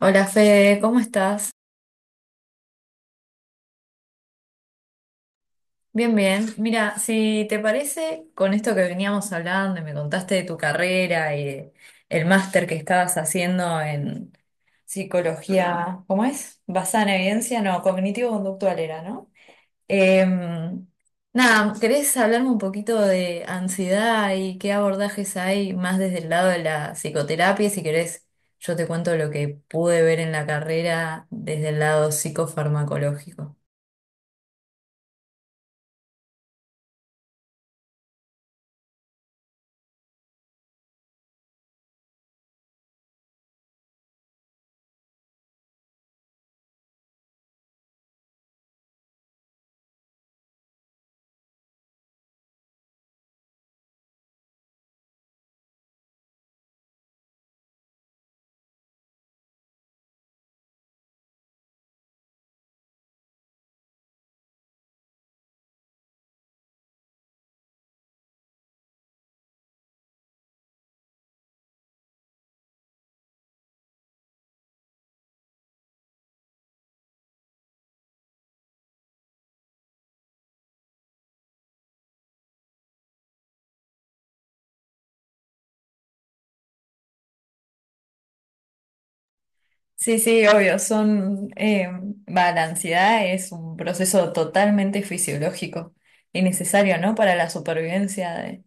Hola Fede, ¿cómo estás? Bien, bien. Mira, si te parece, con esto que veníamos hablando y me contaste de tu carrera y de el máster que estabas haciendo en psicología, ¿cómo es? Basada en evidencia, no, cognitivo-conductual era, ¿no? Em, Nada, ¿querés hablarme un poquito de ansiedad y qué abordajes hay más desde el lado de la psicoterapia? Si querés, yo te cuento lo que pude ver en la carrera desde el lado psicofarmacológico. Sí, sí, obvio, la ansiedad es un proceso totalmente fisiológico y necesario, ¿no? Para la supervivencia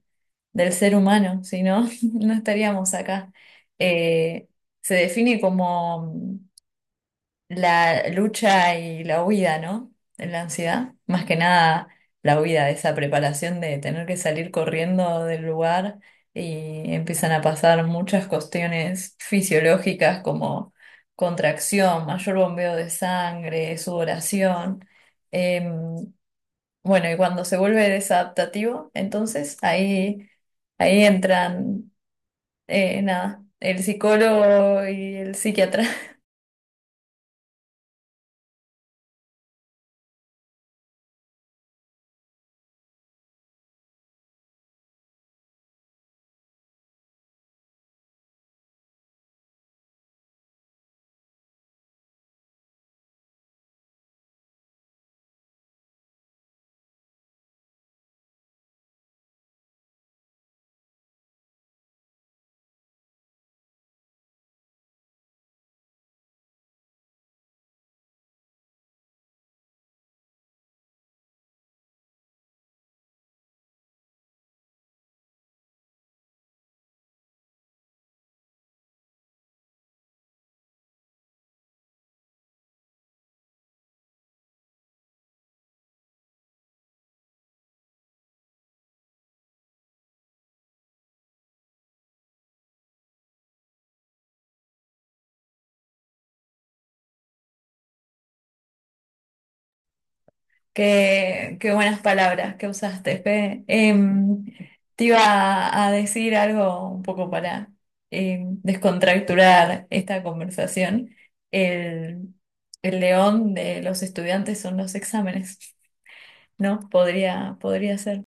del ser humano, si no, no estaríamos acá. Eh, Se define como la lucha y la huida, ¿no? De la ansiedad. Más que nada la huida de esa preparación de tener que salir corriendo del lugar, y empiezan a pasar muchas cuestiones fisiológicas como contracción, mayor bombeo de sangre, sudoración. Em, bueno, y cuando se vuelve desadaptativo, entonces ahí entran, nada, el psicólogo y el psiquiatra. Qué, qué buenas palabras que usaste, Fe. Te iba a decir algo un poco para descontracturar esta conversación. El, el león de los estudiantes son los exámenes, ¿no? Podría, podría ser.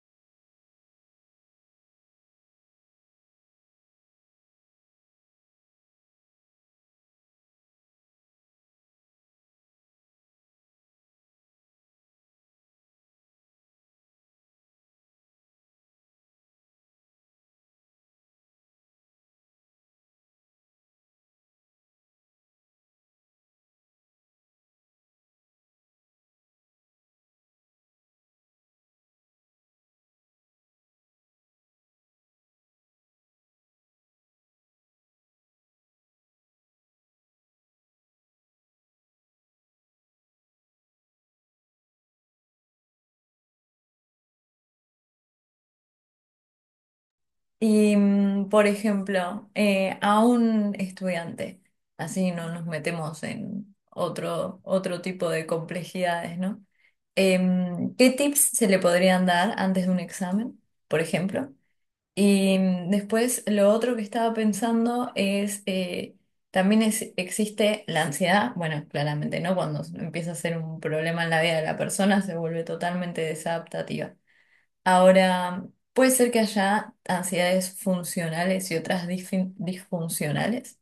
Y, por ejemplo, a un estudiante, así no nos metemos en otro tipo de complejidades, ¿no? ¿Qué tips se le podrían dar antes de un examen, por ejemplo? Y después, lo otro que estaba pensando es, también existe la ansiedad, bueno, claramente, ¿no? Cuando empieza a ser un problema en la vida de la persona, se vuelve totalmente desadaptativa. Ahora, puede ser que haya ansiedades funcionales y otras disfuncionales.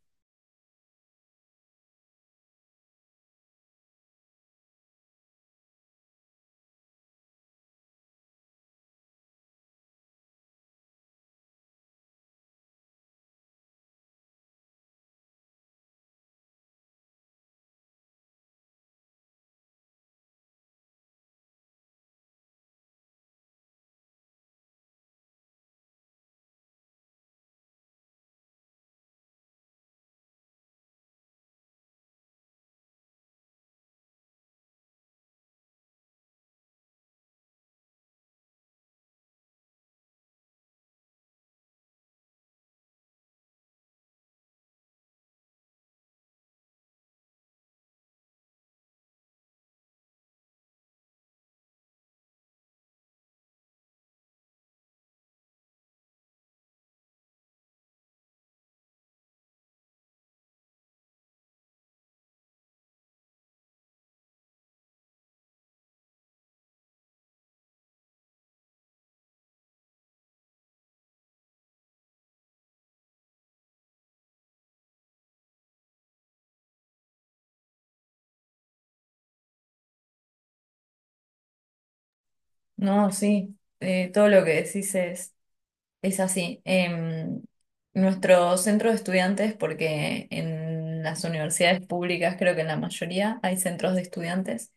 No, sí, todo lo que decís es así. Nuestro centro de estudiantes, porque en las universidades públicas creo que en la mayoría hay centros de estudiantes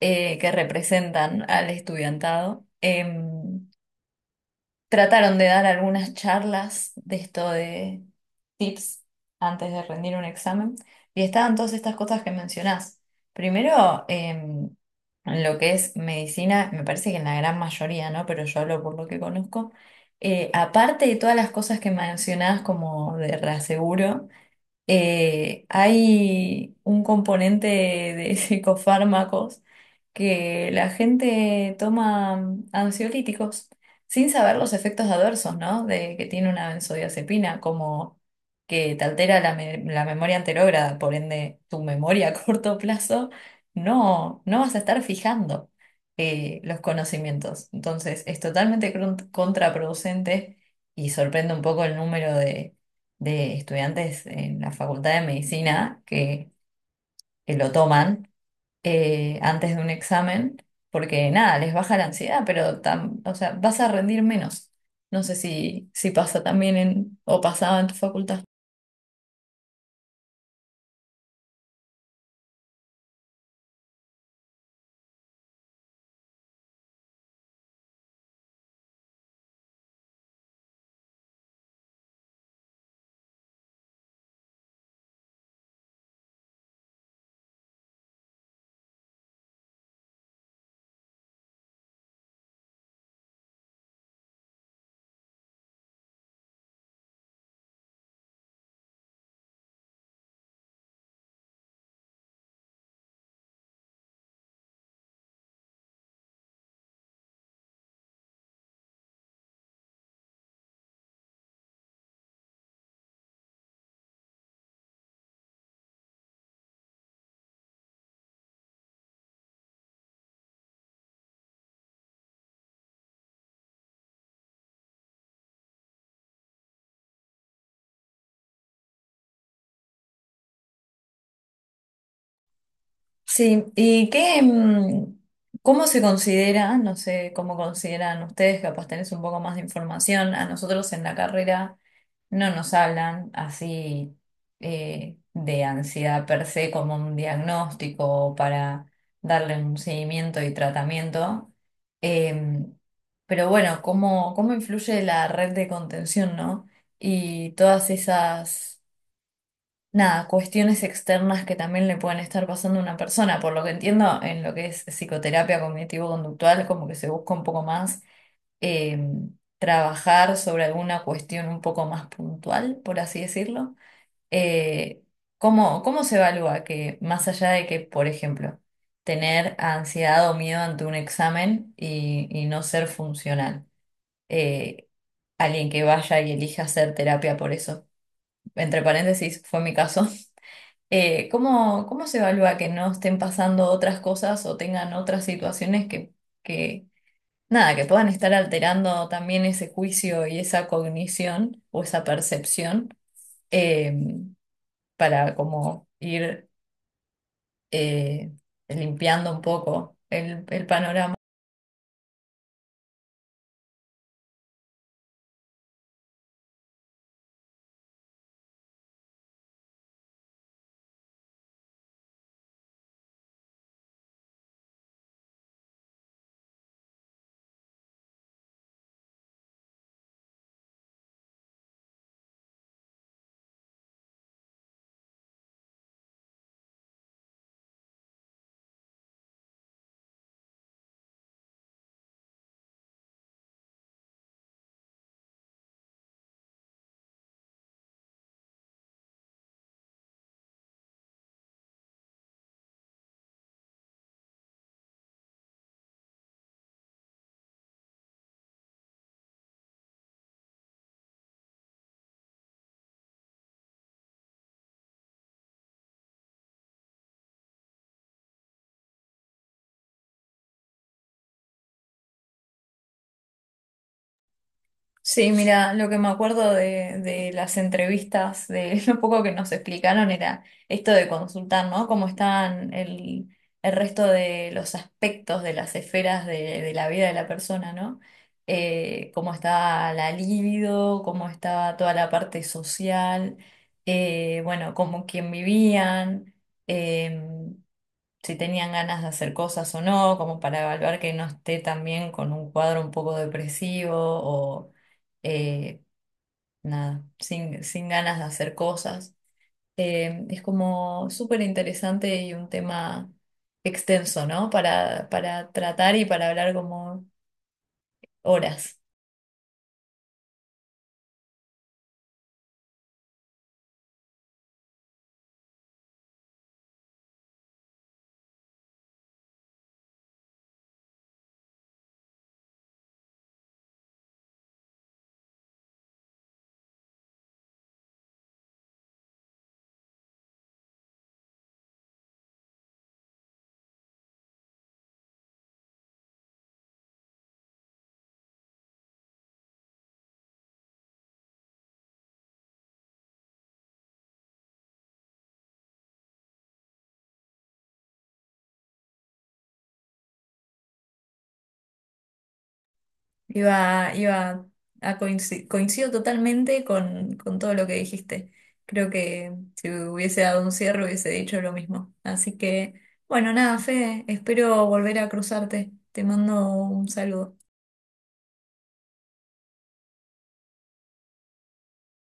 que representan al estudiantado. Trataron de dar algunas charlas de esto de tips antes de rendir un examen, y estaban todas estas cosas que mencionás. Primero, en lo que es medicina, me parece que en la gran mayoría, ¿no? Pero yo hablo por lo que conozco. Aparte de todas las cosas que mencionás como de reaseguro, hay un componente de psicofármacos, que la gente toma ansiolíticos sin saber los efectos adversos, ¿no? De que tiene una benzodiazepina, como que te altera la memoria anterógrada, por ende tu memoria a corto plazo, no, no vas a estar fijando los conocimientos. Entonces es totalmente contraproducente, y sorprende un poco el número de estudiantes en la Facultad de Medicina que lo toman antes de un examen, porque nada, les baja la ansiedad, pero o sea, vas a rendir menos. No sé si, si pasa también en, o pasaba en tu facultad. Sí, ¿y qué, cómo se considera? No sé cómo consideran ustedes, capaz tenés un poco más de información. A nosotros en la carrera. No nos hablan así de ansiedad per se como un diagnóstico para darle un seguimiento y tratamiento. Em, pero bueno, ¿cómo, cómo influye la red de contención, ¿no? Y todas esas, nada, cuestiones externas que también le pueden estar pasando a una persona. Por lo que entiendo, en lo que es psicoterapia cognitivo-conductual, como que se busca un poco más eh, trabajar sobre alguna cuestión un poco más puntual, por así decirlo, eh, ¿cómo, cómo se evalúa que más allá de que, por ejemplo, tener ansiedad o miedo ante un examen y no ser funcional? eh, Alguien que vaya y elija hacer terapia por eso. Entre paréntesis, fue mi caso. ¿Cómo, cómo se evalúa que no estén pasando otras cosas o tengan otras situaciones que nada, que puedan estar alterando también ese juicio y esa cognición o esa percepción eh, para como ir eh, limpiando un poco el panorama. Sí, mira, lo que me acuerdo de las entrevistas, de lo poco que nos explicaron era esto de consultar, ¿no? Cómo están el resto de los aspectos de las esferas de la vida de la persona, ¿no? Cómo está la libido, cómo está toda la parte social, bueno, cómo quién vivían. em, si tenían ganas de hacer cosas o no, como para evaluar que no esté también con un cuadro un poco depresivo o eh, nada, sin, sin ganas de hacer cosas. Es como súper interesante y un tema extenso, ¿no? Para tratar y para hablar como horas. Iba a coincidir, coincido totalmente con todo lo que dijiste. Creo que si hubiese dado un cierre hubiese dicho lo mismo. Así que, bueno, nada, Fede, espero volver a cruzarte. Te mando un saludo.